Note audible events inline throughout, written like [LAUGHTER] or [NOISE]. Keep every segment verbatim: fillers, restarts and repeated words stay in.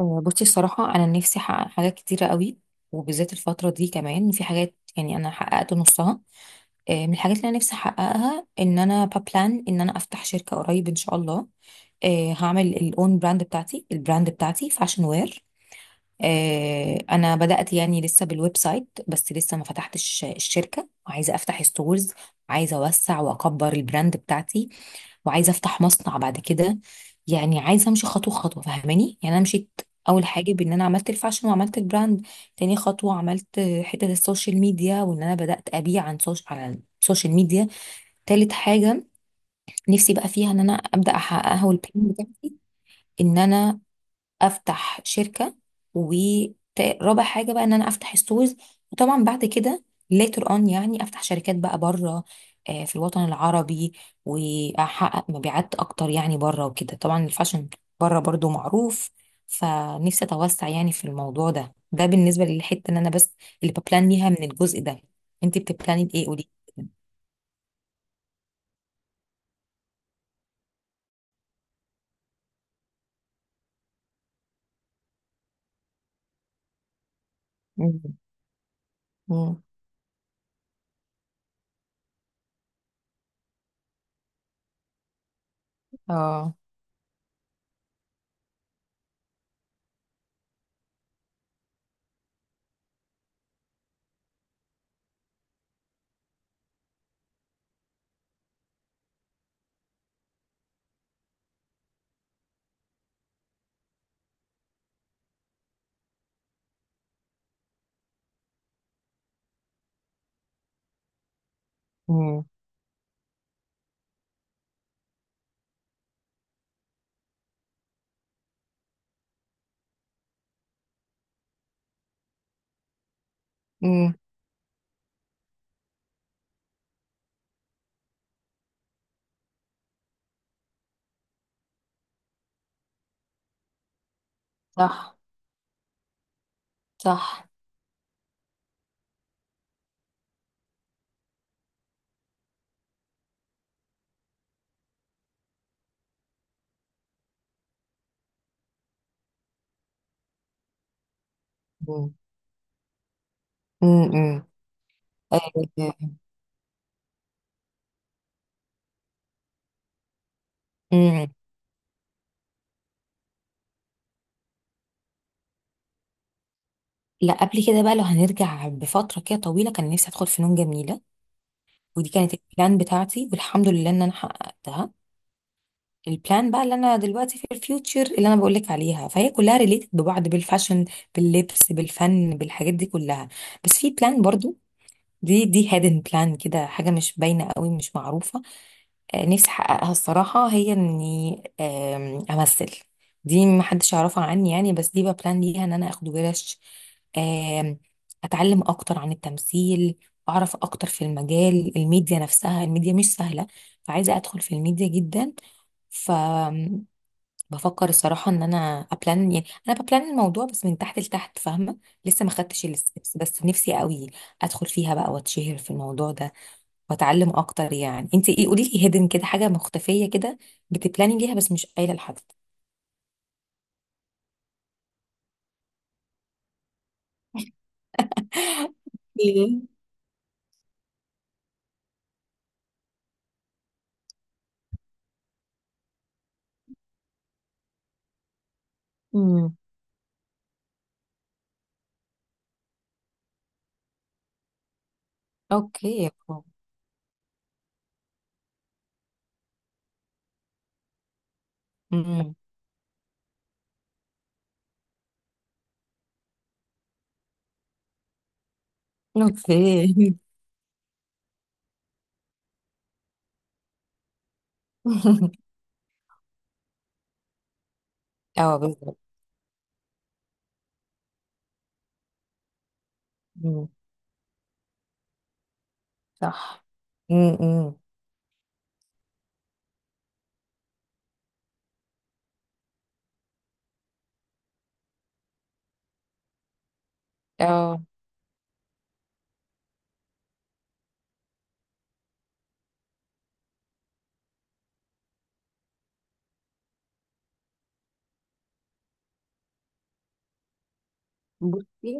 آه، بصي الصراحة أنا نفسي أحقق حاجات كتيرة قوي وبالذات الفترة دي كمان في حاجات يعني أنا حققت نصها. آه، من الحاجات اللي أنا نفسي أحققها إن أنا ببلان إن أنا أفتح شركة قريب إن شاء الله. آه، هعمل الأون براند بتاعتي البراند بتاعتي فاشن وير. آه، انا بدات يعني لسه بالويب سايت بس لسه ما فتحتش الشركه، عايزه افتح ستورز. عايزه اوسع واكبر البراند بتاعتي، وعايزه افتح مصنع بعد كده. يعني عايزه امشي خطوه خطوه، فاهماني؟ يعني انا مشيت اول حاجه، بان انا عملت الفاشن وعملت البراند. تاني خطوه عملت حته السوشيال ميديا وان انا بدات ابيع عن سوش... على السوشيال ميديا. تالت حاجه نفسي بقى فيها ان انا ابدا احققها، والبلان بتاعتي ان انا افتح شركه. ورابع حاجه بقى ان انا افتح ستورز. وطبعا بعد كده later on يعني افتح شركات بقى بره، آه، في الوطن العربي. واحقق مبيعات اكتر يعني بره وكده، طبعا الفاشن بره برضو معروف. فنفسي اتوسع يعني في الموضوع ده. ده بالنسبه للحته ان انا، بس اللي ببلان ليها من الجزء ده. انت بتبلاني ايه؟ قولي. مم. مم. اه. مم. مم. صح. صح. مم. مم. مم. أيوة. لا، قبل كده بقى لو هنرجع بفترة كده طويلة كان نفسي أدخل فنون جميلة. ودي كانت البلان بتاعتي، والحمد لله إن أنا حققتها. البلان بقى اللي أنا دلوقتي في الفيوتشر اللي أنا بقولك عليها، فهي كلها ريليتد ببعض بالفاشن، باللبس، بالفن، بالحاجات دي كلها. بس في بلان برضو، دي دي هيدن بلان كده، حاجة مش باينة قوي، مش معروفة. آه، نفسي احققها الصراحة، هي اني آم، امثل. دي محدش يعرفها عني يعني، بس دي بقى بلان ليها ان انا اخد ورش. آم، اتعلم اكتر عن التمثيل، اعرف اكتر في المجال، الميديا نفسها الميديا مش سهلة. فعايزة ادخل في الميديا جدا. بفكر الصراحة ان انا ابلان، يعني انا ببلان الموضوع بس من تحت لتحت، فاهمة؟ لسه ما خدتش الستبس بس نفسي قوي ادخل فيها بقى واتشهر في الموضوع ده واتعلم اكتر. يعني انت ايه؟ قولي لي، هيدن كده حاجة مختفية كده بتبلاني ليها بس مش قايلة لحد. ايه؟ امم. اوكي. امم. اوكي. [LAUGHS] اه بالظبط. مم. صح. امم. اه. بصي،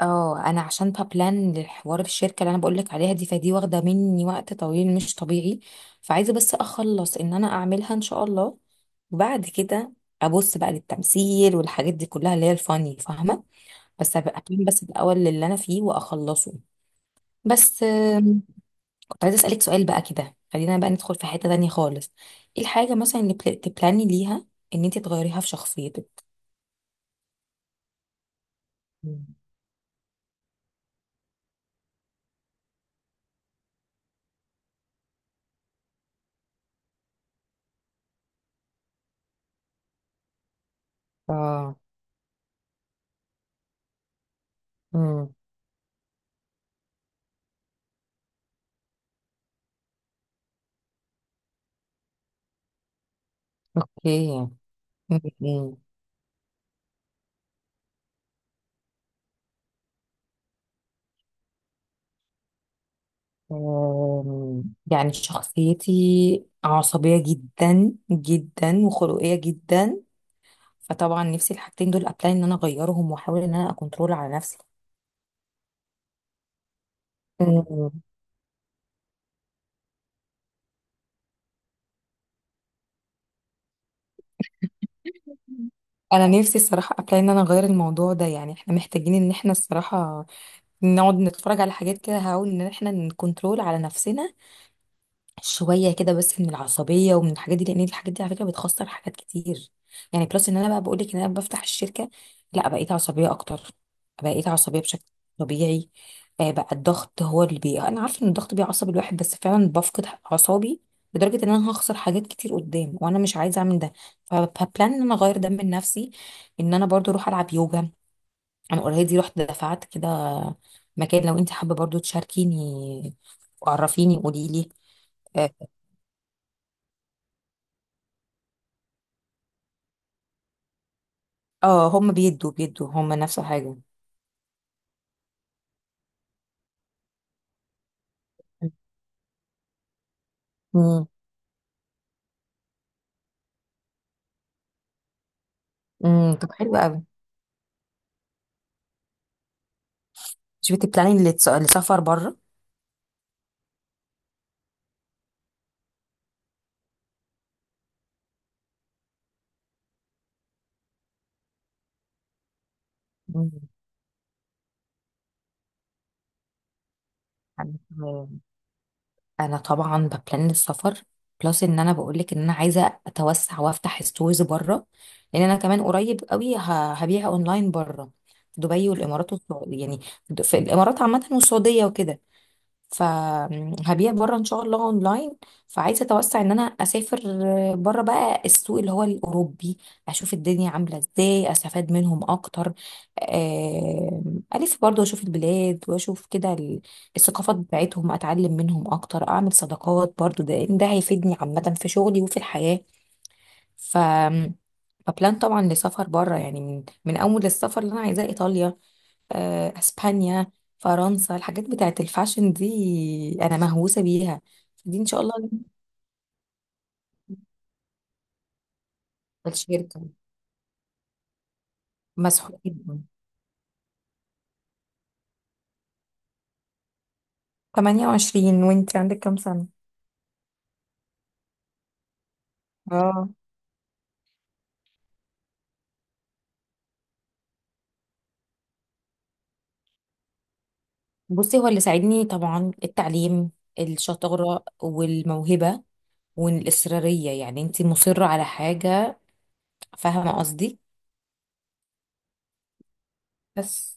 اه انا عشان ببلان للحوار الشركه اللي انا بقولك عليها دي، فدي واخده مني وقت طويل مش طبيعي. فعايزه بس اخلص ان انا اعملها ان شاء الله، وبعد كده ابص بقى للتمثيل والحاجات دي كلها اللي هي الفاني، فاهمه؟ بس هبقى أبلان بس الاول اللي انا فيه واخلصه. بس آم، كنت عايزه اسالك سؤال بقى كده، خلينا بقى ندخل في حته تانية خالص. ايه الحاجه مثلا اللي بل- تبلاني ليها ان انت تغيريها في شخصيتك؟ مم. اه. امم. اوكي. مم. أم، يعني شخصيتي عصبية جدا جدا وخلقية جدا. فطبعا نفسي الحاجتين دول ابلاي ان انا اغيرهم واحاول ان انا اكنترول على نفسي. أم، انا نفسي الصراحة ابلاي ان انا اغير الموضوع ده، يعني احنا محتاجين ان احنا الصراحة نقعد نتفرج على حاجات كده، هقول ان احنا نكنترول على نفسنا شويه كده بس، من العصبيه ومن الحاجات دي، لان الحاجات دي على فكره بتخسر حاجات كتير. يعني بلس ان انا بقى بقول لك ان انا بفتح الشركه، لا بقيت عصبيه اكتر، بقيت عصبيه بشكل طبيعي. آه، بقى الضغط هو اللي بي انا عارفه ان الضغط بيعصب الواحد، بس فعلا بفقد اعصابي. لدرجه ان انا هخسر حاجات كتير قدام، وانا مش عايزه اعمل ده. فبلان ان انا اغير ده من نفسي، ان انا برضو اروح العب يوجا. انا اوريدي رحت دفعت كده مكان، لو انت حابه برضو تشاركيني وعرفيني قولي لي. اه، هم بيدوا بيدوا هم نفس الحاجة. مم. امم. طب حلو قوي. مش بتبلاني للس- للسفر بره؟ مم. انا طبعا ببلان السفر. بلس ان انا بقولك ان انا عايزه اتوسع وافتح ستورز بره، لان انا كمان قريب قوي ه- هبيع اونلاين بره، دبي والامارات والسعوديه يعني. د- في الامارات عامه والسعوديه وكده، فهبيع بره ان شاء الله اونلاين. فعايزه اتوسع، ان انا اسافر بره بقى السوق اللي هو الاوروبي، اشوف الدنيا عامله ازاي، استفاد منهم اكتر. آم، الف برضه اشوف البلاد، واشوف كده ال- الثقافات بتاعتهم، اتعلم منهم اكتر، اعمل صداقات برضه، ده ده هيفيدني عامه في شغلي وفي الحياه. ف فبلان طبعا لسفر بره، يعني من من اول السفر اللي انا عايزاه ايطاليا، آه، اسبانيا، فرنسا، الحاجات بتاعت الفاشن دي انا مهووسه بيها. دي ان شاء الله. الشركه مسحوق جدا. تمنية وعشرين، وانت عندك كام سنه؟ اه بصي، هو اللي ساعدني طبعا التعليم، الشطاره والموهبه والاصراريه، يعني انت مصره على حاجه، فاهمه قصدي؟ بس.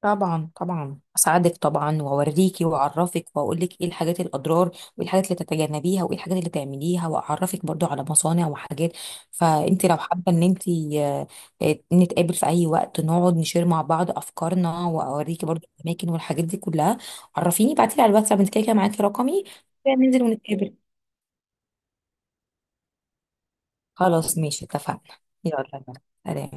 طبعا طبعا اساعدك طبعا، واوريكي واعرفك واقول لك ايه الحاجات الاضرار، وايه الحاجات اللي تتجنبيها، وايه الحاجات اللي تعمليها، واعرفك برضو على مصانع وحاجات. فانت لو حابه ان انت، آه، آه، نتقابل في اي وقت، نقعد نشير مع بعض افكارنا، واوريكي برضو الاماكن والحاجات دي كلها. عرفيني، بعتيلي على الواتساب، انت كده كده معاكي رقمي. ننزل ونتقابل. خلاص، ماشي، اتفقنا. يلا سلام.